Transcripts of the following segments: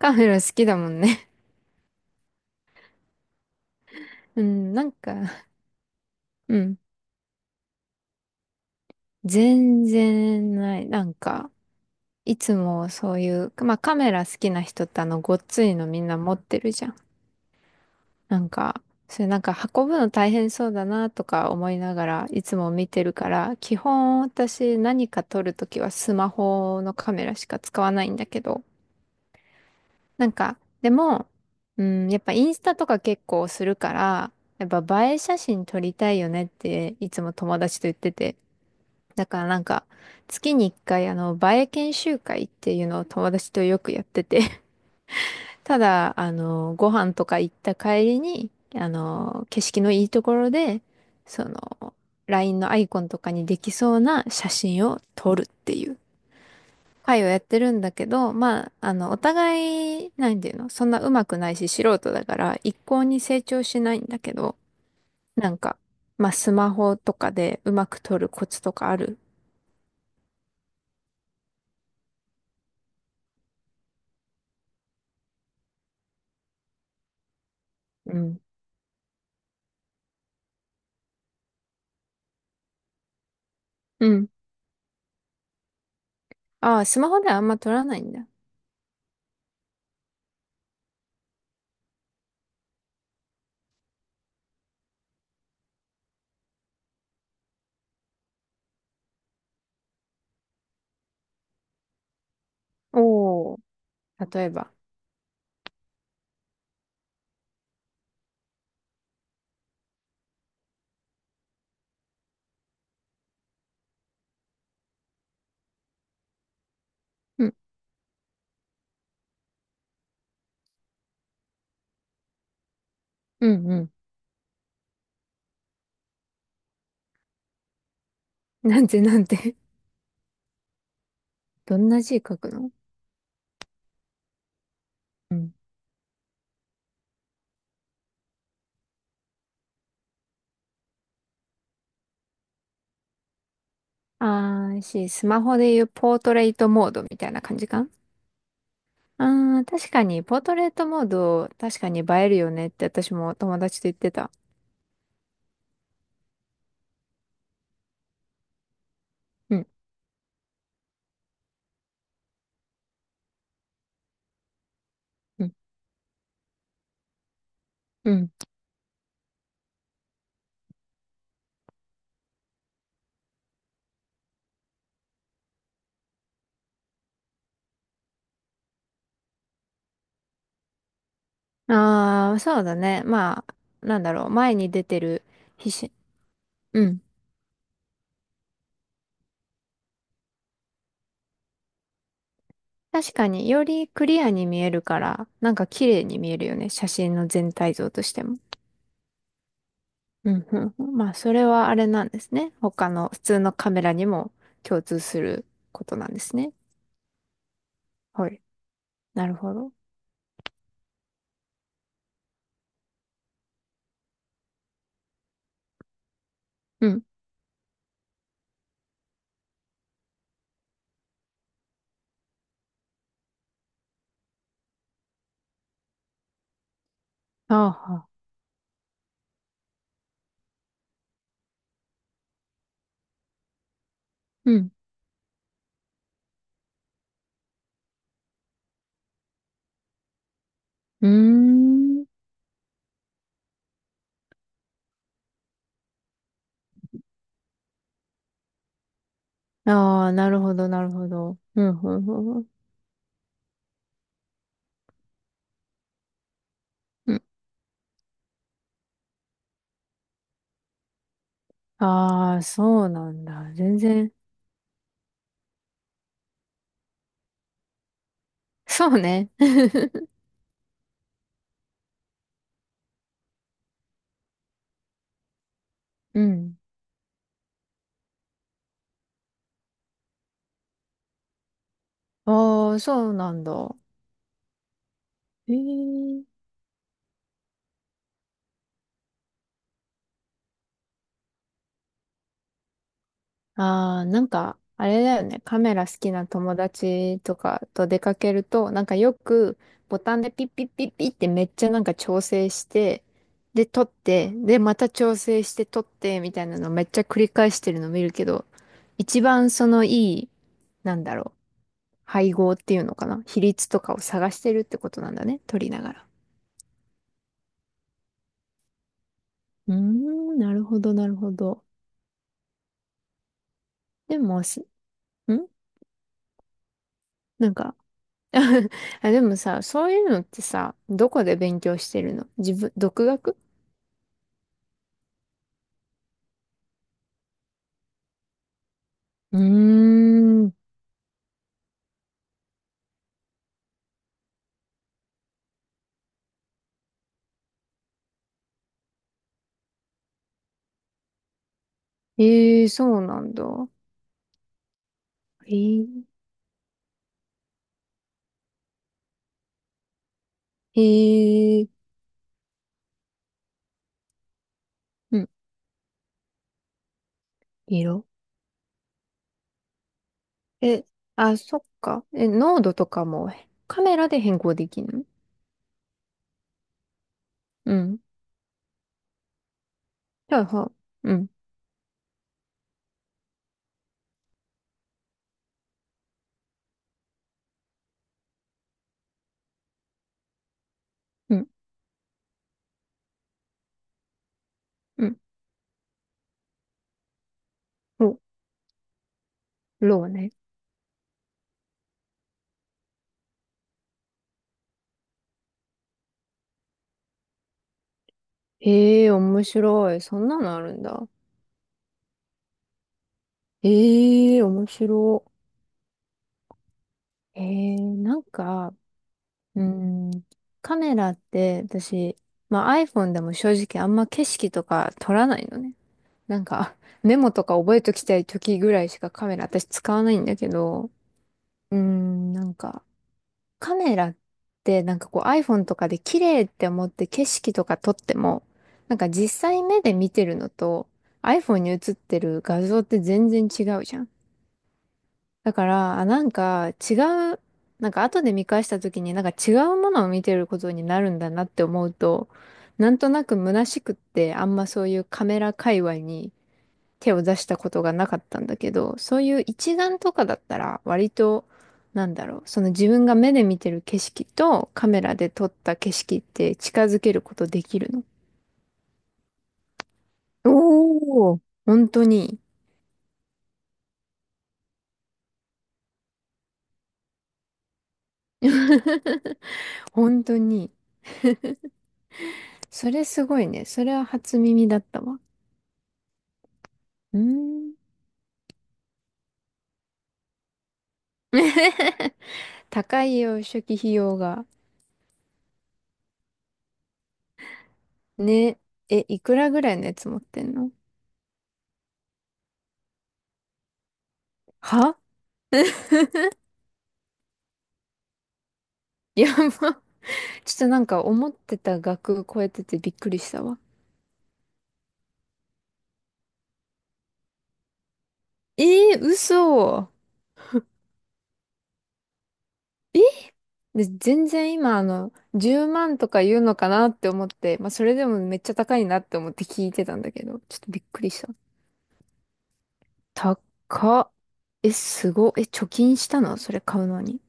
カメラ好きだもんね。うん、なんか、うん。全然ない。なんか、いつもそういう、まあカメラ好きな人ってごっついのみんな持ってるじゃん。なんか、それなんか運ぶの大変そうだなとか思いながらいつも見てるから、基本私何か撮るときはスマホのカメラしか使わないんだけど、なんか、でも、うん、やっぱインスタとか結構するから、やっぱ映え写真撮りたいよねっていつも友達と言ってて。だからなんか、月に一回、バエ研修会っていうのを友達とよくやってて ただ、ご飯とか行った帰りに、景色のいいところで、その、LINE のアイコンとかにできそうな写真を撮るっていう会をやってるんだけど、まあ、お互い、なんていうの、そんな上手くないし素人だから、一向に成長しないんだけど、なんか、まあ、スマホとかでうまく撮るコツとかある？うん。うんああ、スマホではあんま撮らないんだ。おー。例えば。うん、うん、うん。なんて。どんな字書くの？うん。ああ、スマホでいうポートレートモードみたいな感じか？ああー、確かに、ポートレートモード、確かに映えるよねって私も友達と言ってた。うん、うん、うん。ああ、そうだね。まあ、なんだろう、前に出てる皮脂。うん。確かに、よりクリアに見えるから、なんか綺麗に見えるよね。写真の全体像としても。うんうんうん。まあ、それはあれなんですね。他の普通のカメラにも共通することなんですね。はい。なるほど。うん。ああ、はあうん。うーん。ああ、なるほど、なるほど。うん、うん、うん。うん。ああ、そうなんだ。全然。そうね。うん。ああ、そうなんだ。ええああ、なんか、あれだよね。カメラ好きな友達とかと出かけると、なんかよくボタンでピッピッピッピッってめっちゃなんか調整して、で、撮って、で、また調整して撮って、みたいなのめっちゃ繰り返してるの見るけど、一番そのいい、なんだろう、配合っていうのかな。比率とかを探してるってことなんだね。撮りながら。うーん、なるほど、なるほど。でも、なんか、あ、でもさ、そういうのってさ、どこで勉強してるの自分、独学？うーん。ええそうなんだ。えー、えー、うん、色え、あ、そっか。え、濃度とかもカメラで変更できるの？うん。はいはい。うん、うん、うん。お、ローね。ええ面白い。そんなのあるんだ。ええ面白い。ええなんか、うん、カメラって私、まあ、iPhone でも正直あんま景色とか撮らないのね。なんか メモとか覚えときたい時ぐらいしかカメラ私使わないんだけど、うーん、なんかカメラってなんかこう iPhone とかで綺麗って思って景色とか撮っても、なんか実際目で見てるのと iPhone に映ってる画像って全然違うじゃん。だから、あ、なんか違う、なんか後で見返した時になんか違うものを見てることになるんだなって思うと、なんとなく虚しくってあんまそういうカメラ界隈に手を出したことがなかったんだけど、そういう一眼とかだったら割と、なんだろう、その自分が目で見てる景色とカメラで撮った景色って近づけることできるの？おお。本当に、本当に。それすごいね。それは初耳だったわ。うーん。高いよ、初期費用が。ね。え、いくらぐらいのやつ持ってんのは？ やば。ちょっとなんか思ってた額超えててびっくりしたわ。えー、嘘。で、全然今10万とか言うのかなって思って、まあそれでもめっちゃ高いなって思って聞いてたんだけど、ちょっとびっくりした。高っ。え、すごっ。え、貯金したのそれ買うのに？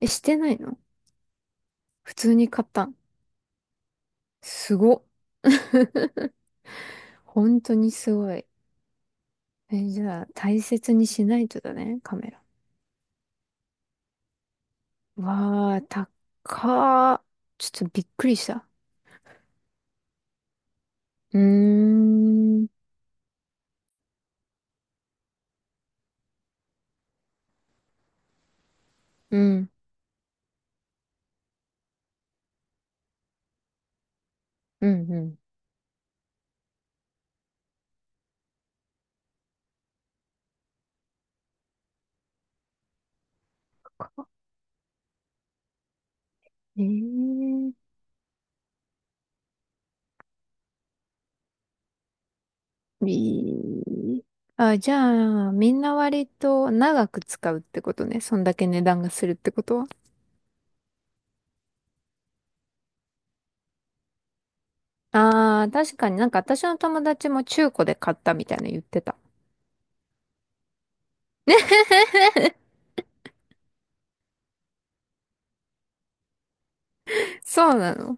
え、してないの？普通に買ったん？すごっ。本当にすごい。え、じゃあ、大切にしないとだね、カメラ。わあ、高っ。ちょっとびっくりした。うーん、うん、うん、うん。えー、いいあ、じゃあ、みんな割と長く使うってことね。そんだけ値段がするってことは。ああ、確かになんか私の友達も中古で買ったみたいな言ってた。そうなの。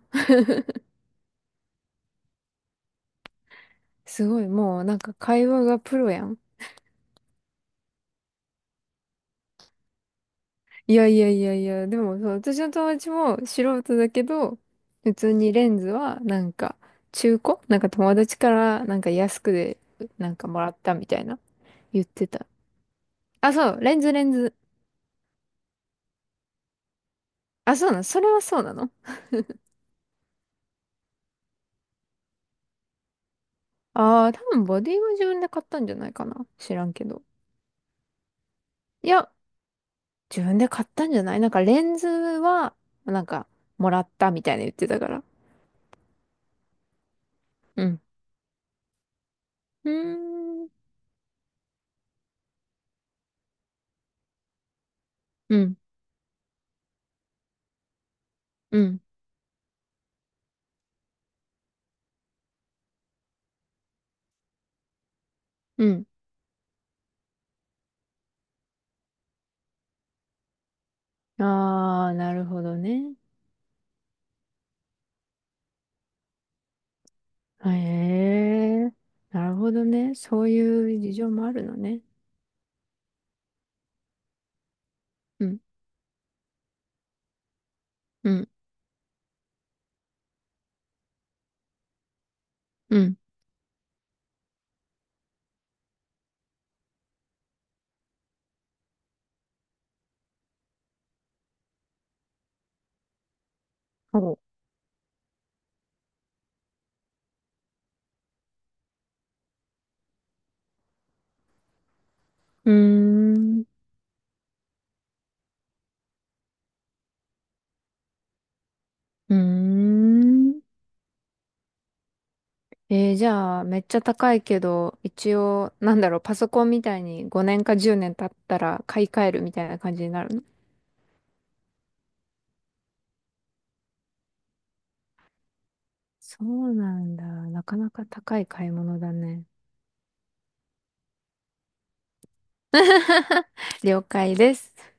すごい、もうなんか会話がプロやん。いやいやいやいや、でもそう、私の友達も素人だけど、普通にレンズはなんか中古なんか友達からなんか安くでなんかもらったみたいな言ってた。あ、そう、レンズレンズ。あ、そうなの、それはそうなの？ああー、多分ボディは自分で買ったんじゃないかな。知らんけど。いや、自分で買ったんじゃないなんかレンズはなんかもらったみたいな言ってたから。うん。うーん。うん。うん。うん。ああ、なるほどね。へえ、なるほどね。そういう事情もあるのね。うん、うん、うん。そううーん、うーん。えーじゃあ、めっちゃ高いけど、一応、なんだろう、パソコンみたいに5年か10年経ったら買い替えるみたいな感じになるの？そうなんだ。なかなか高い買い物だね。了解です。